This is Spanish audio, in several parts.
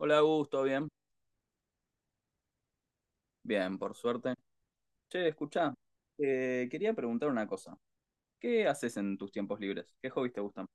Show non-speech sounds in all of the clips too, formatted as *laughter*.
Hola, Augusto, ¿bien? Bien, por suerte. Che, escuchá, quería preguntar una cosa. ¿Qué haces en tus tiempos libres? ¿Qué hobbies te gustan?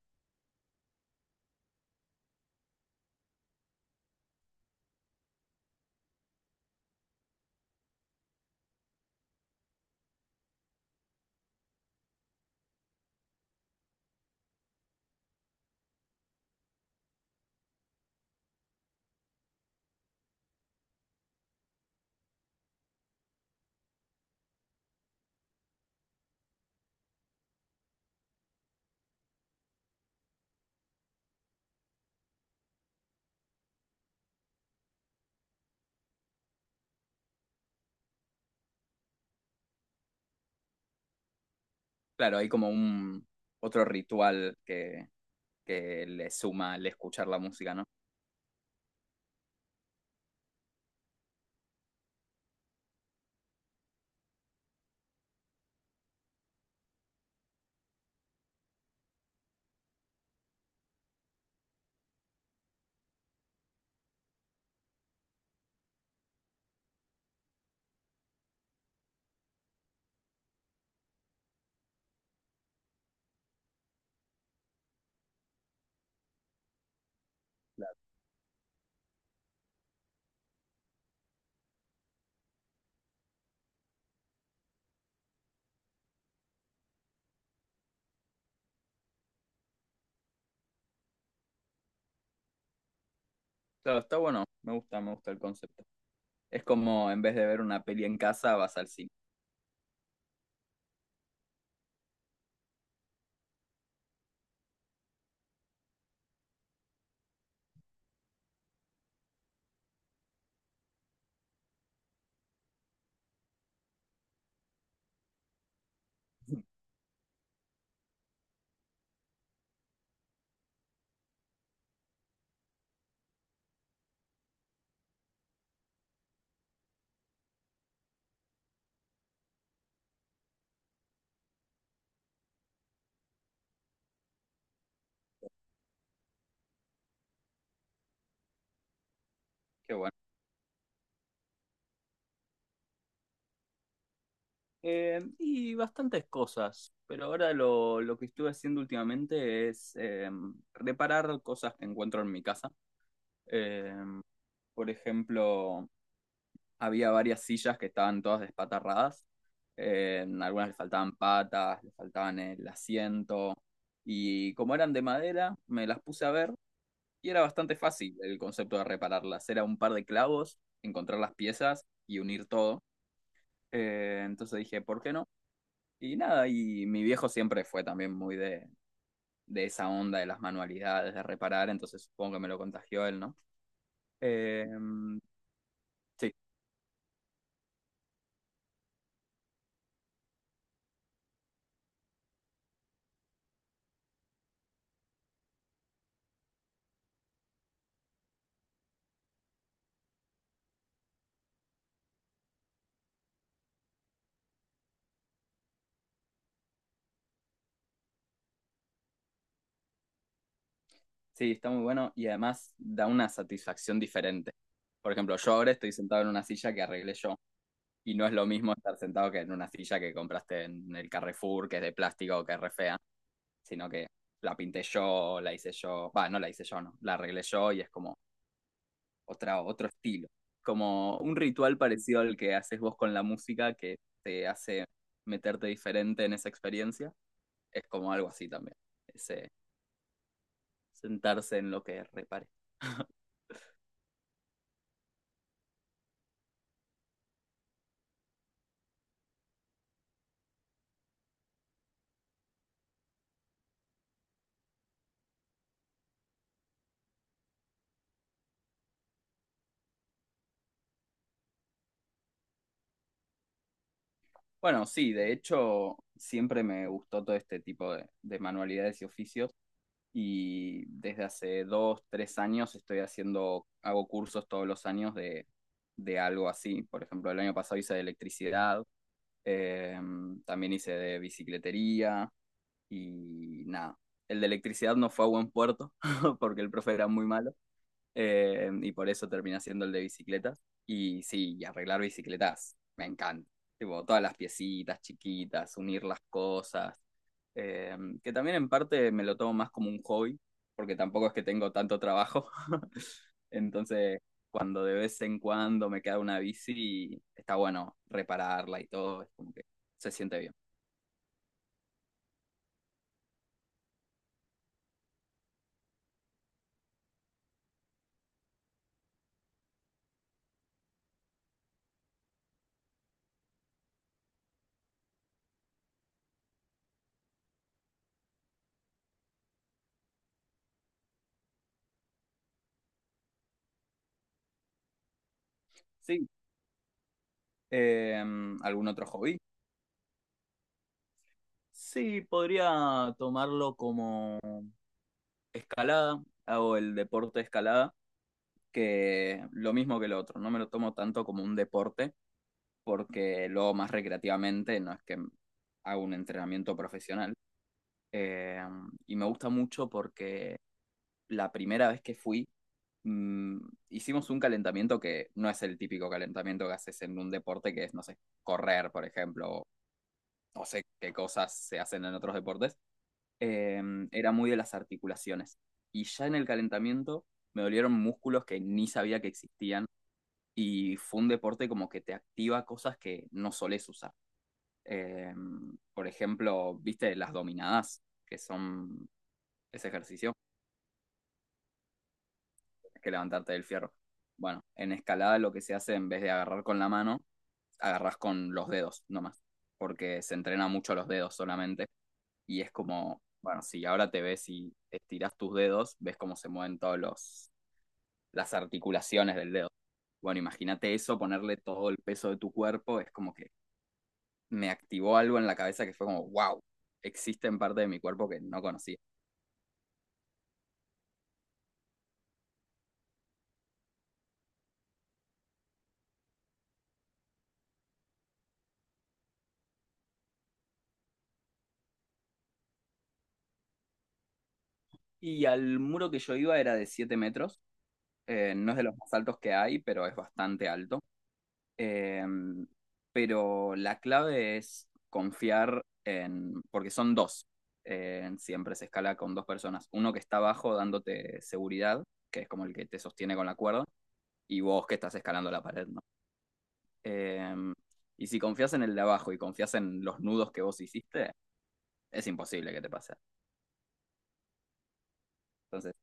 Claro, hay como un otro ritual que le suma el escuchar la música, ¿no? Claro, está bueno, me gusta el concepto. Es como en vez de ver una peli en casa, vas al cine. Qué bueno. Y bastantes cosas, pero ahora lo que estuve haciendo últimamente es reparar cosas que encuentro en mi casa. Eh, por ejemplo, había varias sillas que estaban todas despatarradas. Algunas le faltaban patas, le faltaban el asiento. Y como eran de madera, me las puse a ver y era bastante fácil el concepto de repararlas. Era un par de clavos, encontrar las piezas y unir todo. Entonces dije, ¿por qué no? Y nada, y mi viejo siempre fue también muy de esa onda de las manualidades, de reparar, entonces supongo que me lo contagió él, ¿no? Eh, sí, sí, está muy bueno y además da una satisfacción diferente. Por ejemplo, yo ahora estoy sentado en una silla que arreglé yo y no es lo mismo estar sentado que en una silla que compraste en el Carrefour, que es de plástico o que es re fea, sino que la pinté yo, la hice yo, va, no la hice yo, no, la arreglé yo y es como otra, otro estilo. Como un ritual parecido al que haces vos con la música que te hace meterte diferente en esa experiencia, es como algo así también, ese sentarse en lo que repare. *laughs* Bueno, sí, de hecho, siempre me gustó todo este tipo de manualidades y oficios y desde hace 2, 3 años hago cursos todos los años de algo así. Por ejemplo, el año pasado hice de electricidad, eh, también hice de bicicletería y nada. El de electricidad no fue a buen puerto *laughs* porque el profe era muy malo, y por eso terminé haciendo el de bicicletas. Y sí, y arreglar bicicletas me encanta. Tipo, todas las piecitas chiquitas, unir las cosas. eh, que también en parte me lo tomo más como un hobby, porque tampoco es que tengo tanto trabajo. *laughs* Entonces, cuando de vez en cuando me queda una bici, está bueno repararla y todo, es como que se siente bien. Sí. eh, ¿Algún otro hobby? Sí, podría tomarlo como escalada, hago el deporte de escalada, que lo mismo que el otro, no me lo tomo tanto como un deporte, porque lo hago más recreativamente, no es que hago un entrenamiento profesional. Eh, y me gusta mucho porque la primera vez que fui, mm, hicimos un calentamiento que no es el típico calentamiento que haces en un deporte, que es, no sé, correr, por ejemplo, o no sé qué cosas se hacen en otros deportes, eh, era muy de las articulaciones. Y ya en el calentamiento me dolieron músculos que ni sabía que existían. Y fue un deporte como que te activa cosas que no solés usar. Eh, por ejemplo, viste las dominadas, que son ese ejercicio, que levantarte del fierro. Bueno, en escalada lo que se hace en vez de agarrar con la mano, agarras con los dedos nomás, porque se entrena mucho los dedos solamente. Y es como, bueno, si ahora te ves y estiras tus dedos, ves cómo se mueven todos los las articulaciones del dedo. Bueno, imagínate eso, ponerle todo el peso de tu cuerpo, es como que me activó algo en la cabeza que fue como, wow, existen partes de mi cuerpo que no conocía. Y al muro que yo iba era de 7 metros, no es de los más altos que hay, pero es bastante alto. Eh, pero la clave es confiar en, porque son dos, siempre se escala con dos personas, uno que está abajo dándote seguridad, que es como el que te sostiene con la cuerda, y vos que estás escalando la pared, ¿no? Eh, y si confías en el de abajo y confías en los nudos que vos hiciste, es imposible que te pase. Entonces,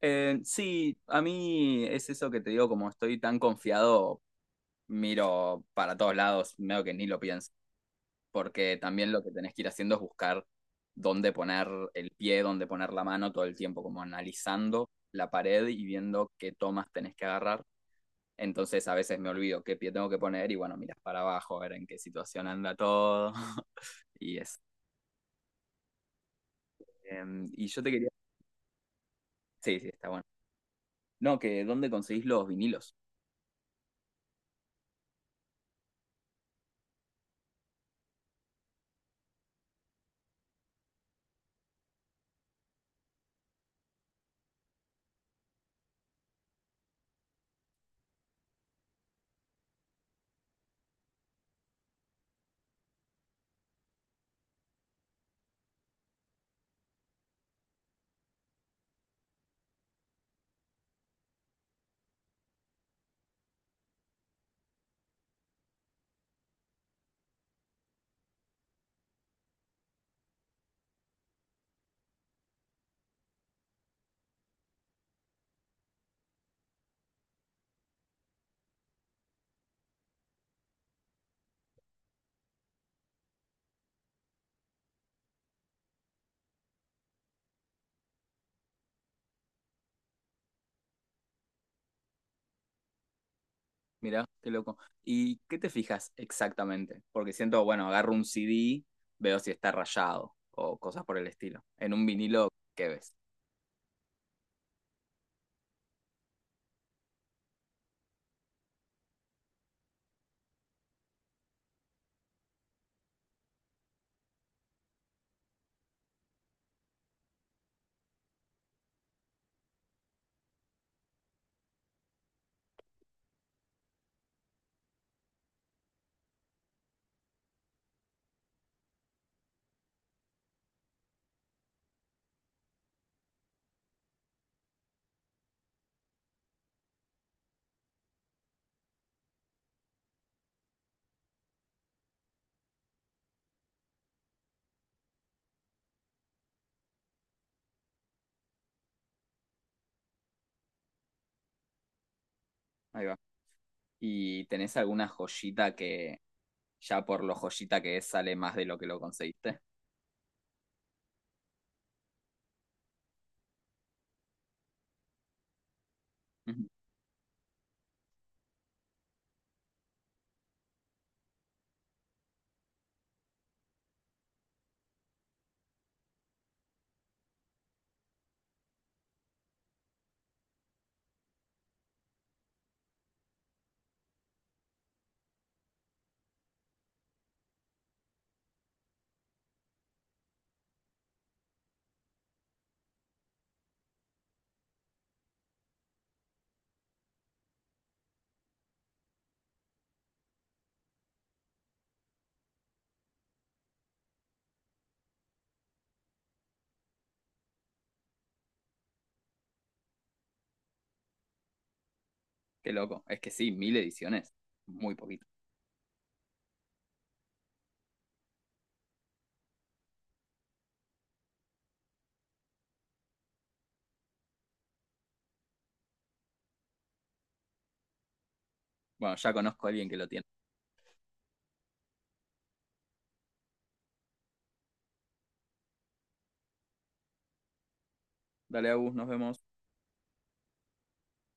sí, a mí es eso que te digo, como estoy tan confiado, miro para todos lados, medio que ni lo pienso, porque también lo que tenés que ir haciendo es buscar dónde poner el pie, dónde poner la mano todo el tiempo, como analizando la pared y viendo qué tomas tenés que agarrar. Entonces a veces me olvido qué pie tengo que poner y bueno, miras para abajo a ver en qué situación anda todo. *laughs* y es y yo te quería. Sí, sí, está bueno. No, que ¿dónde conseguís los vinilos? Mirá, qué loco. ¿Y qué te fijas exactamente? Porque siento, bueno, agarro un CD, veo si está rayado o cosas por el estilo. En un vinilo, ¿qué ves? Ahí va. ¿Y tenés alguna joyita que ya por lo joyita que es sale más de lo que lo conseguiste? Ujú. Qué loco. Es que sí, 1.000 ediciones. Muy poquito. Bueno, ya conozco a alguien que lo tiene. Dale, Agus, nos vemos.